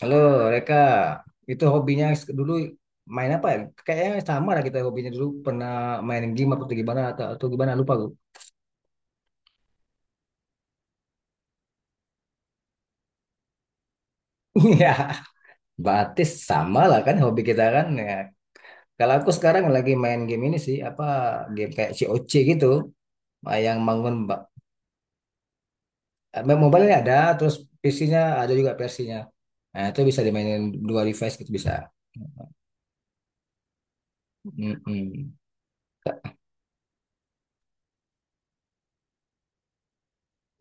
Halo, Reka. Itu hobinya dulu main apa ya? Kayaknya sama lah kita hobinya dulu pernah main game apa atau gimana atau gimana lupa gue. Iya, batis sama lah kan hobi kita kan. Ya. Kalau aku sekarang lagi main game ini sih apa game kayak C O C gitu, yang bangun mobile ini ada, terus PC-nya ada juga versinya. Nah, itu bisa dimainin dua device gitu bisa. Mm-mm.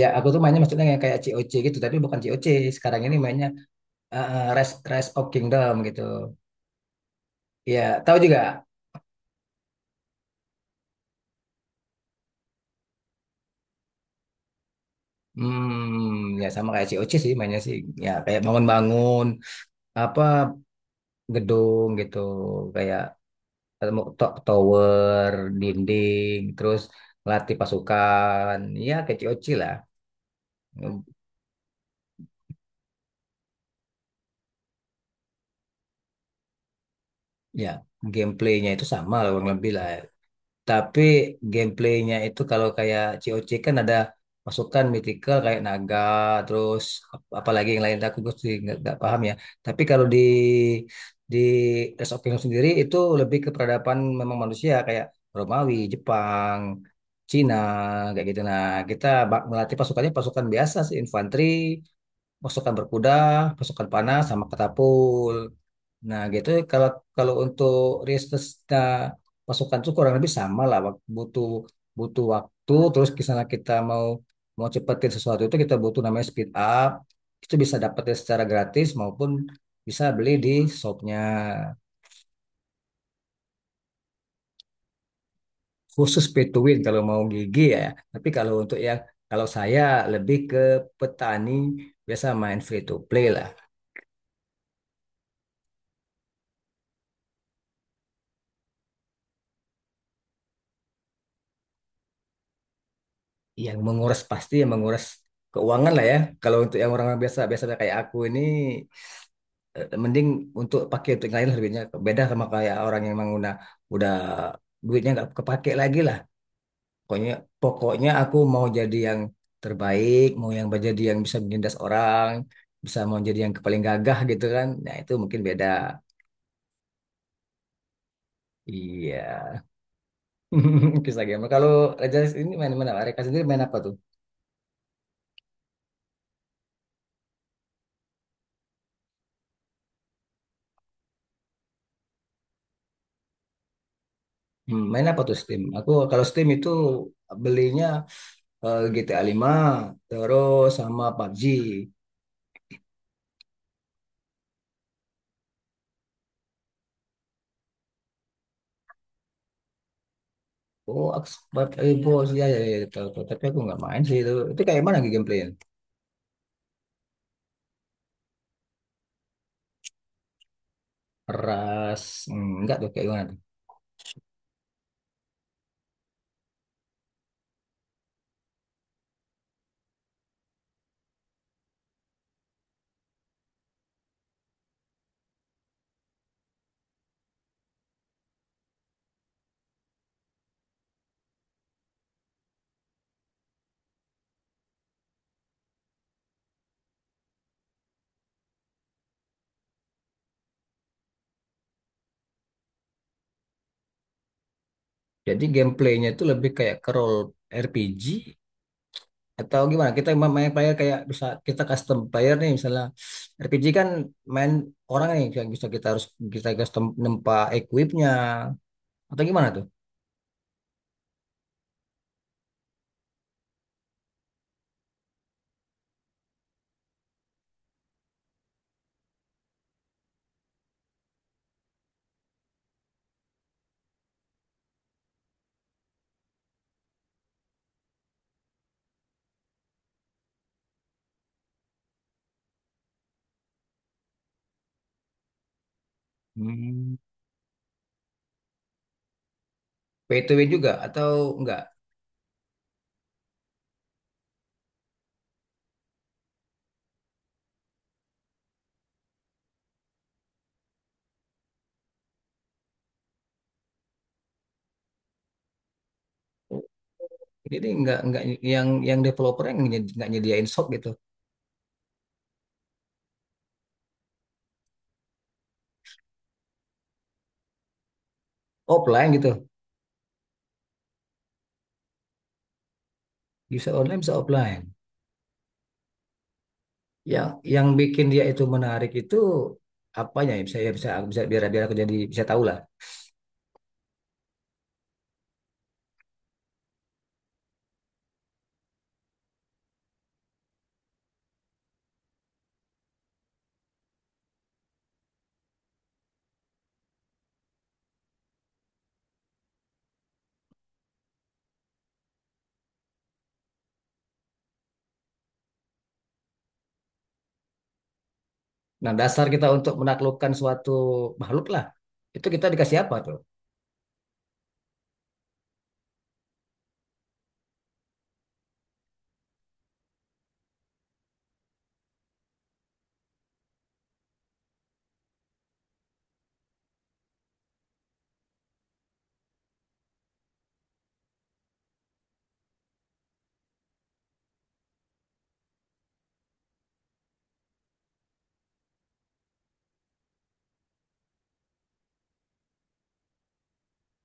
Ya, aku tuh mainnya maksudnya yang kayak C O C gitu, tapi bukan C O C. Sekarang ini mainnya Rise Rise of Kingdom gitu. Ya, tahu juga. Hmm, ya sama kayak C O C sih mainnya sih. Ya kayak bangun-bangun apa gedung gitu, kayak ketemu tower, dinding, terus latih pasukan. Ya kayak C O C lah. Ya, gameplaynya itu sama lah kurang lebih lah. Tapi gameplaynya itu kalau kayak C O C kan ada masukan mythical kayak naga, terus apalagi yang lain gue sih nggak paham ya. Tapi kalau di Rise of Kingdom sendiri itu lebih ke peradaban memang manusia kayak Romawi, Jepang, Cina kayak gitu. Nah, kita melatih pasukannya pasukan biasa sih infanteri, pasukan berkuda, pasukan panah, sama katapul. Nah, gitu kalau kalau untuk Ristus nah, pasukan itu kurang lebih sama lah. Butuh butuh waktu. Terus misalnya kita mau mau cepetin sesuatu itu kita butuh namanya speed up. Itu bisa dapetin secara gratis maupun bisa beli di shopnya khusus pay to win kalau mau gigi ya. Tapi kalau untuk yang kalau saya lebih ke petani biasa main free to play lah. Yang menguras pasti yang menguras keuangan lah ya. Kalau untuk yang orang biasa biasa kayak aku ini mending untuk pakai untuk yang lain lah duitnya. Beda sama kayak orang yang emang udah duitnya nggak kepake lagi lah. Pokoknya pokoknya aku mau jadi yang terbaik, mau yang jadi yang bisa menindas orang, bisa mau jadi yang paling gagah gitu kan. Nah, itu mungkin beda. Iya. Kisah game. Kalau Raja ini main mana? Mereka sendiri main apa tuh? Main apa tuh Steam? Aku kalau Steam itu belinya GTA 5 terus sama PUBG. Oh, aku sempat bos ya, ya, ya, ya, tahu, tahu. Tapi aku nggak main sih itu. Itu kayak mana lagi gameplaynya? Keras, nggak tuh kayak gimana tuh? Jadi gameplaynya itu lebih kayak ke role RPG atau gimana? Kita main player kayak bisa kita custom player nih misalnya RPG kan main orang nih yang bisa kita custom nempa equipnya atau gimana tuh? Hmm. Pay to win juga atau enggak? Jadi enggak yang developer yang enggak nyediain shop gitu. Offline gitu. Bisa online bisa offline. Yang yang bikin dia itu menarik itu apanya ya bisa bisa biar biar aku jadi bisa tahu lah. Nah, dasar kita untuk menaklukkan suatu makhluk lah. Itu kita dikasih apa tuh?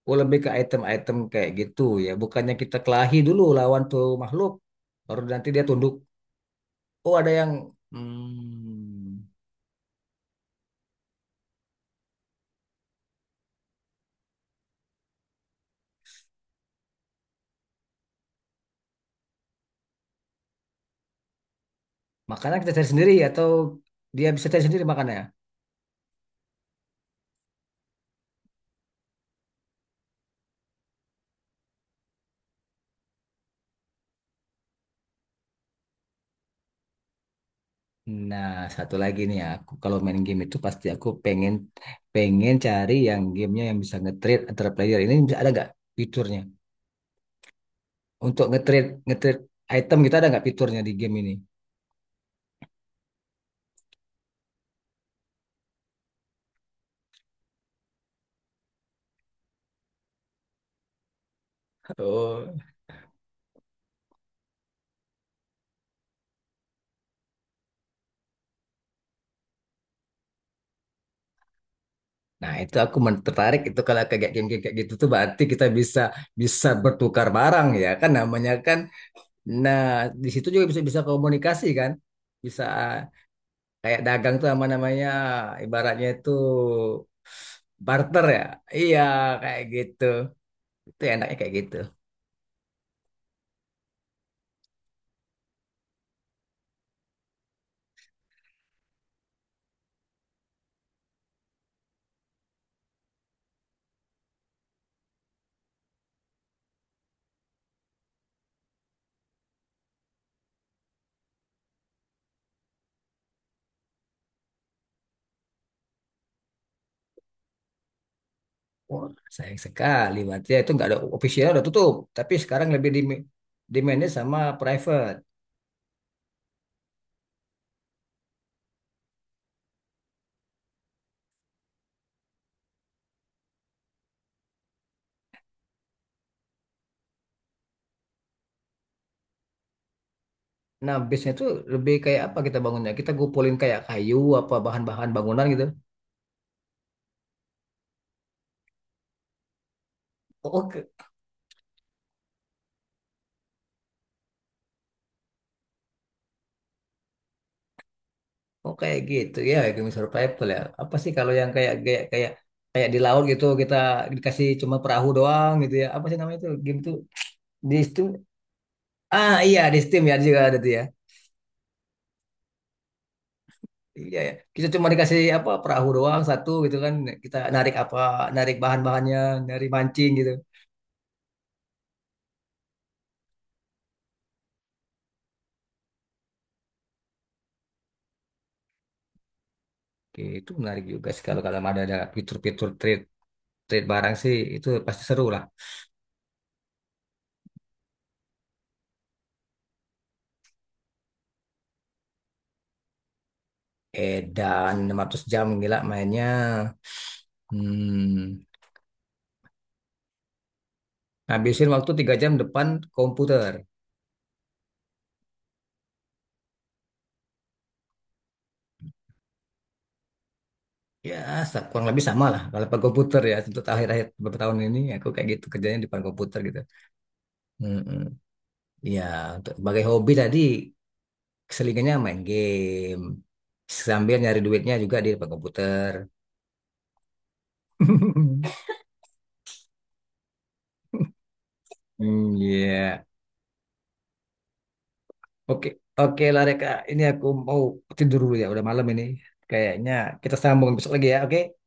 Oh, lebih ke item-item kayak gitu ya. Bukannya kita kelahi dulu lawan tuh makhluk. Baru nanti dia tunduk. Oh, ada yang, hmm. Makanan kita cari sendiri atau dia bisa cari sendiri makanannya? Nah, satu lagi nih ya, aku kalau main game itu pasti aku pengen pengen cari yang gamenya yang bisa nge-trade antara player. Ini bisa ada nggak fiturnya? Untuk nge-trade item kita ada nggak fiturnya di game ini? Oh. Nah, itu aku tertarik itu kalau kayak game-game kayak gitu tuh berarti kita bisa bisa bertukar barang ya kan namanya kan. Nah, di situ juga bisa bisa komunikasi kan? Bisa kayak dagang tuh apa namanya? Ibaratnya itu barter ya. Iya, kayak gitu. Itu enaknya kayak gitu. Wah, sayang sekali. Berarti itu nggak ada official udah tutup. Tapi sekarang lebih dimanage sama private. Nah, bisnya itu lebih kayak apa kita bangunnya? Kita gupulin kayak kayu apa bahan-bahan bangunan gitu. Oke, oh, kayak gitu ya, kayak survival ya. Apa sih kalau yang kayak kayak kayak kayak di laut gitu kita dikasih cuma perahu doang gitu ya. Apa sih namanya itu? Game tuh di situ. Ah iya di Steam ya juga ada tuh ya. Iya ya. Kita cuma dikasih apa perahu doang satu gitu kan. Kita narik apa narik bahan-bahannya, narik mancing gitu. Oke, itu menarik juga sih kalau kalau ada fitur-fitur trade trade barang sih itu pasti seru lah. Edan 600 jam gila mainnya. Hmm, habisin waktu 3 jam depan komputer. Ya, kurang lebih sama lah kalau depan komputer ya. Untuk akhir-akhir beberapa tahun ini aku kayak gitu kerjanya di depan komputer gitu. Hmm, hmm. Ya, untuk sebagai hobi tadi selingannya main game. Sambil nyari duitnya juga di depan komputer. Hmm, iya. Oke, oke lah Reka. Ini aku mau tidur dulu ya. Udah malam ini. Kayaknya kita sambung besok lagi ya. Oke.